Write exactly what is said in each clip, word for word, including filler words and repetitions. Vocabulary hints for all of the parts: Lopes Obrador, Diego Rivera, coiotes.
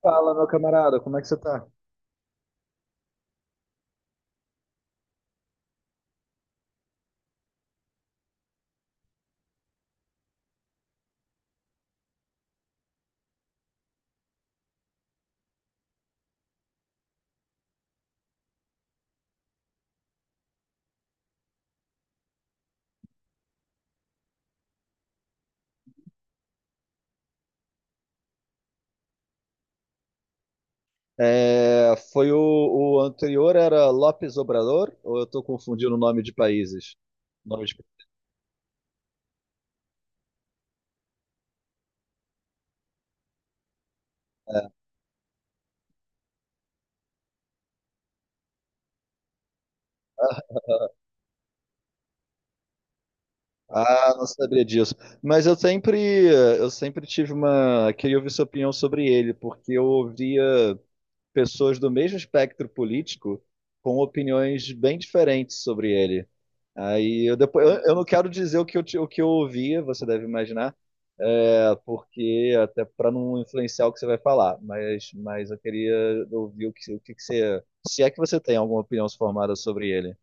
Fala, meu camarada, como é que você tá? É, foi o, o anterior era Lopes Obrador, ou eu tô confundindo o nome de países? Nome de... Ah, não sabia disso. Mas eu sempre, eu sempre tive uma, queria ouvir sua opinião sobre ele, porque eu ouvia pessoas do mesmo espectro político com opiniões bem diferentes sobre ele. Aí eu depois eu, eu não quero dizer o que eu, ti- o que eu ouvia, você deve imaginar, é, porque até para não influenciar o que você vai falar, mas mas eu queria ouvir o que o que que você, se é que você tem alguma opinião formada sobre ele.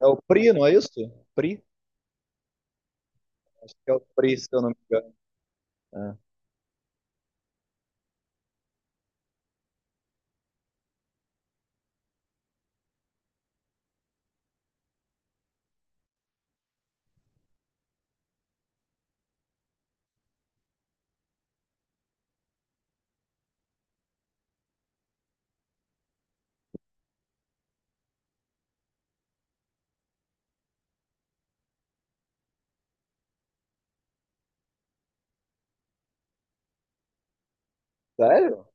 É o Pri, não é isso? Pri? Acho que é o Pri, se eu não me engano. É. Sério?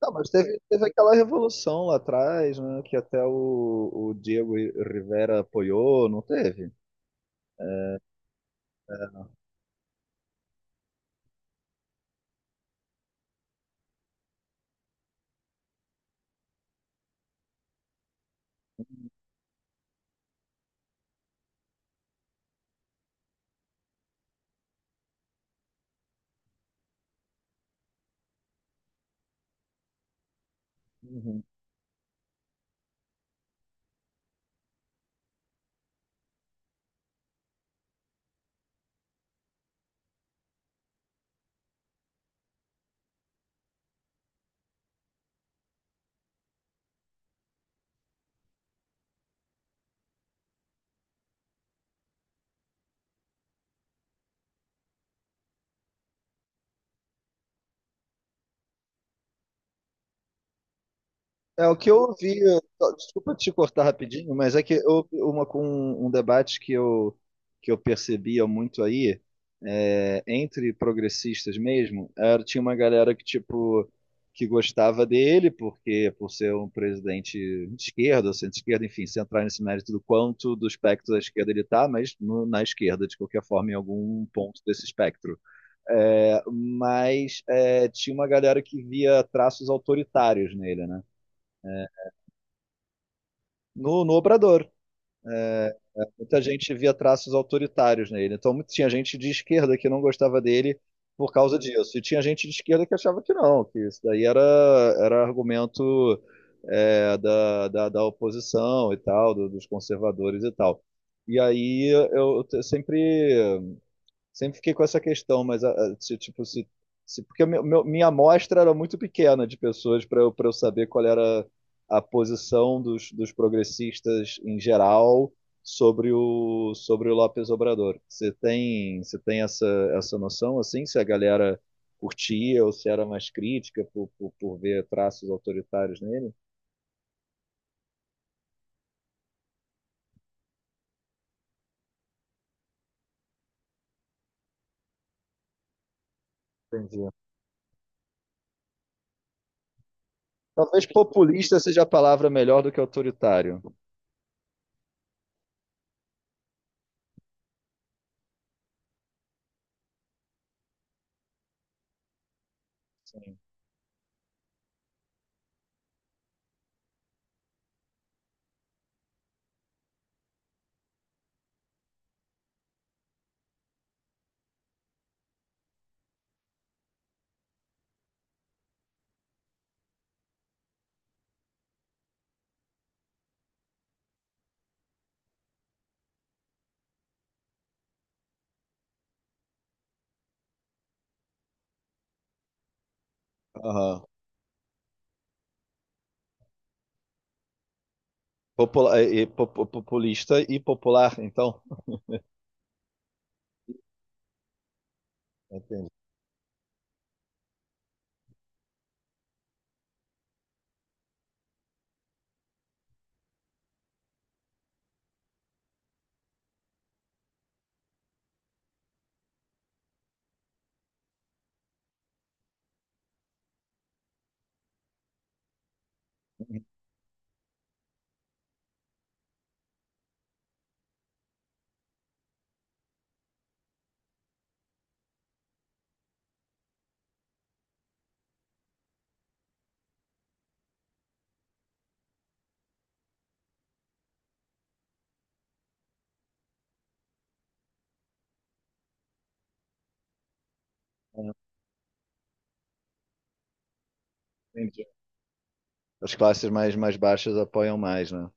Não, mas teve, teve aquela revolução lá atrás, né, que até o, o Diego Rivera apoiou, não teve? Uhum. É o que eu ouvi, eu- desculpa te cortar rapidinho, mas é que eu, uma com um debate que eu que eu percebia muito aí, é, entre progressistas mesmo, era, tinha uma galera que, tipo, que gostava dele, porque por ser um presidente de esquerda, ou centro-esquerda, enfim, sem entrar nesse mérito do quanto do espectro da esquerda ele está, mas no, na esquerda, de qualquer forma, em algum ponto desse espectro. É, mas é, tinha uma galera que via traços autoritários nele, né? No, no Obrador. Muita gente via traços autoritários nele. Então, muito- tinha gente de esquerda que não gostava dele por causa disso. E tinha gente de esquerda que achava que não, que isso daí era, era argumento é, da, da, da oposição e tal, do- dos conservadores e tal. E aí eu, eu te- sempre Sempre fiquei com essa questão, mas ah, ah, se, tipo, se, se, porque meu, meu- minha amostra era muito pequena de pessoas para eu, para eu saber qual era a posição dos, dos progressistas em geral sobre o, sobre o Lopes Obrador. Você tem, você tem essa, essa noção, assim, se a galera curtia ou se era mais crítica por, por, por ver traços autoritários nele? Entendi. Talvez populista seja a palavra melhor do que autoritário. Sim. Aham. Popula- e po- populista e popular, então. Entendi. Entendi. As classes mais, mais baixas apoiam mais, né?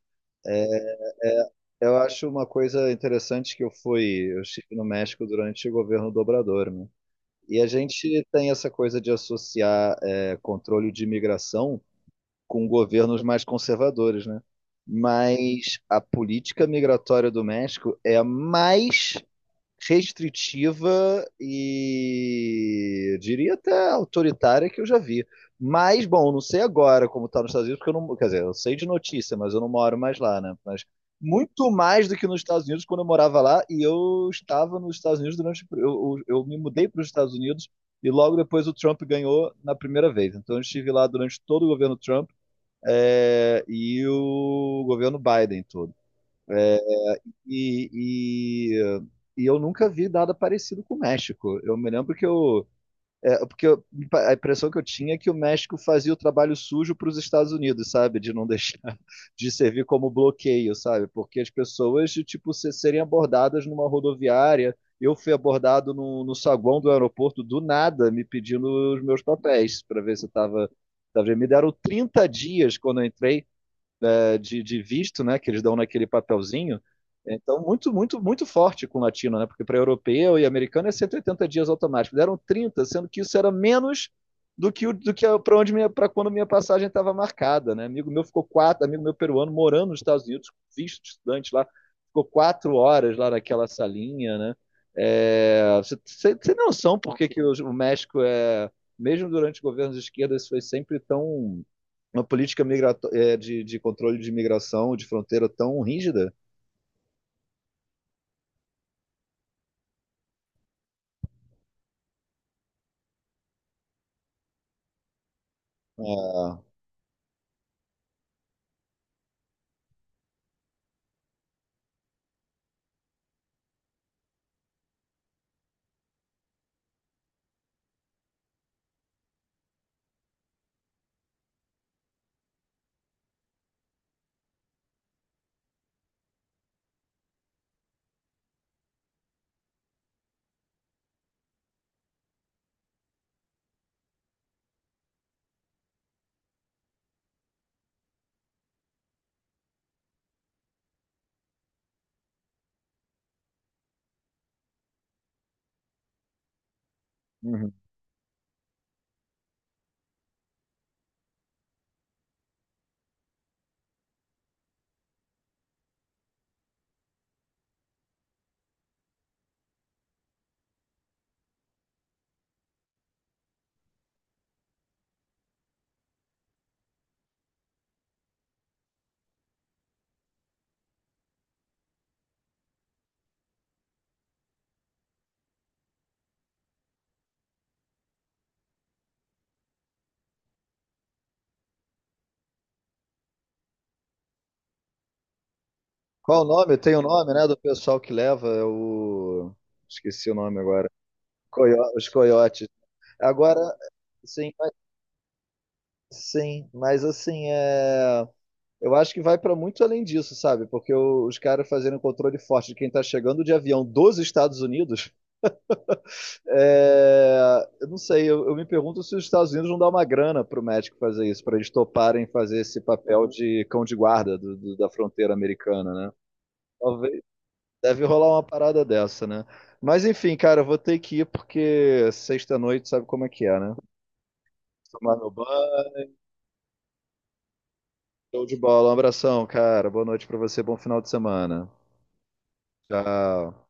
É, eu acho uma coisa interessante que eu fui, eu estive no México durante o governo do Obrador, né? E a gente tem essa coisa de associar é, controle de imigração com governos mais conservadores, né? Mas a política migratória do México é a mais restritiva e eu diria até autoritária que eu já vi. Mas, bom, não sei agora como está nos Estados Unidos, porque eu não, quer dizer, eu sei de notícia, mas eu não moro mais lá, né? Mas muito mais do que nos Estados Unidos quando eu morava lá e eu estava nos Estados Unidos. Durante eu, eu, eu me mudei para os Estados Unidos e logo depois o Trump ganhou na primeira vez. Então eu estive lá durante todo o governo Trump é, e o governo Biden todo. E, e, e eu nunca vi nada parecido com o México. Eu me lembro que eu. É, porque eu- a impressão que eu tinha é que o México fazia o trabalho sujo para os Estados Unidos, sabe? De não deixar, de servir como bloqueio, sabe? Porque as pessoas, tipo, se- serem abordadas numa rodoviária. Eu fui abordado no, no saguão do aeroporto do nada, me pedindo os meus papéis para ver se eu estava. Me deram trinta dias quando eu entrei, é, de, de visto, né, que eles dão naquele papelzinho. Então, muito, muito, muito forte com o latino, né? Porque para europeu e americano é cento e oitenta dias automático. Deram trinta, sendo que isso era menos do que, o- do que para onde minha, para quando minha passagem estava marcada, né? Amigo meu ficou quatro, amigo meu peruano morando nos Estados Unidos, visto de estudante lá, ficou quatro horas lá naquela salinha, né? É, você você você tem noção por que que o o México é, mesmo durante governos de esquerda, isso foi sempre tão uma política migrato- é, de, de controle de imigração de fronteira tão rígida? É, uhum. Qual o nome? Tem o nome, né, do pessoal que leva é o... Esqueci o nome agora. Coio- os coiotes. Agora, sim, mas- sim, mas assim, é... eu acho que vai para muito além disso, sabe? Porque o- os caras fazendo controle forte de quem está chegando de avião dos Estados Unidos. É, eu não sei, eu, eu me pergunto se os Estados Unidos não dá uma grana para o México fazer isso, para eles toparem fazer esse papel de cão de guarda do- do- da fronteira americana, né? Talvez, deve rolar uma parada dessa, né? Mas enfim, cara, eu vou ter que ir porque sexta-noite sabe como é que é, né? Tomar meu banho, show de bola. Um abração, cara. Boa noite para você, bom final de semana. Tchau.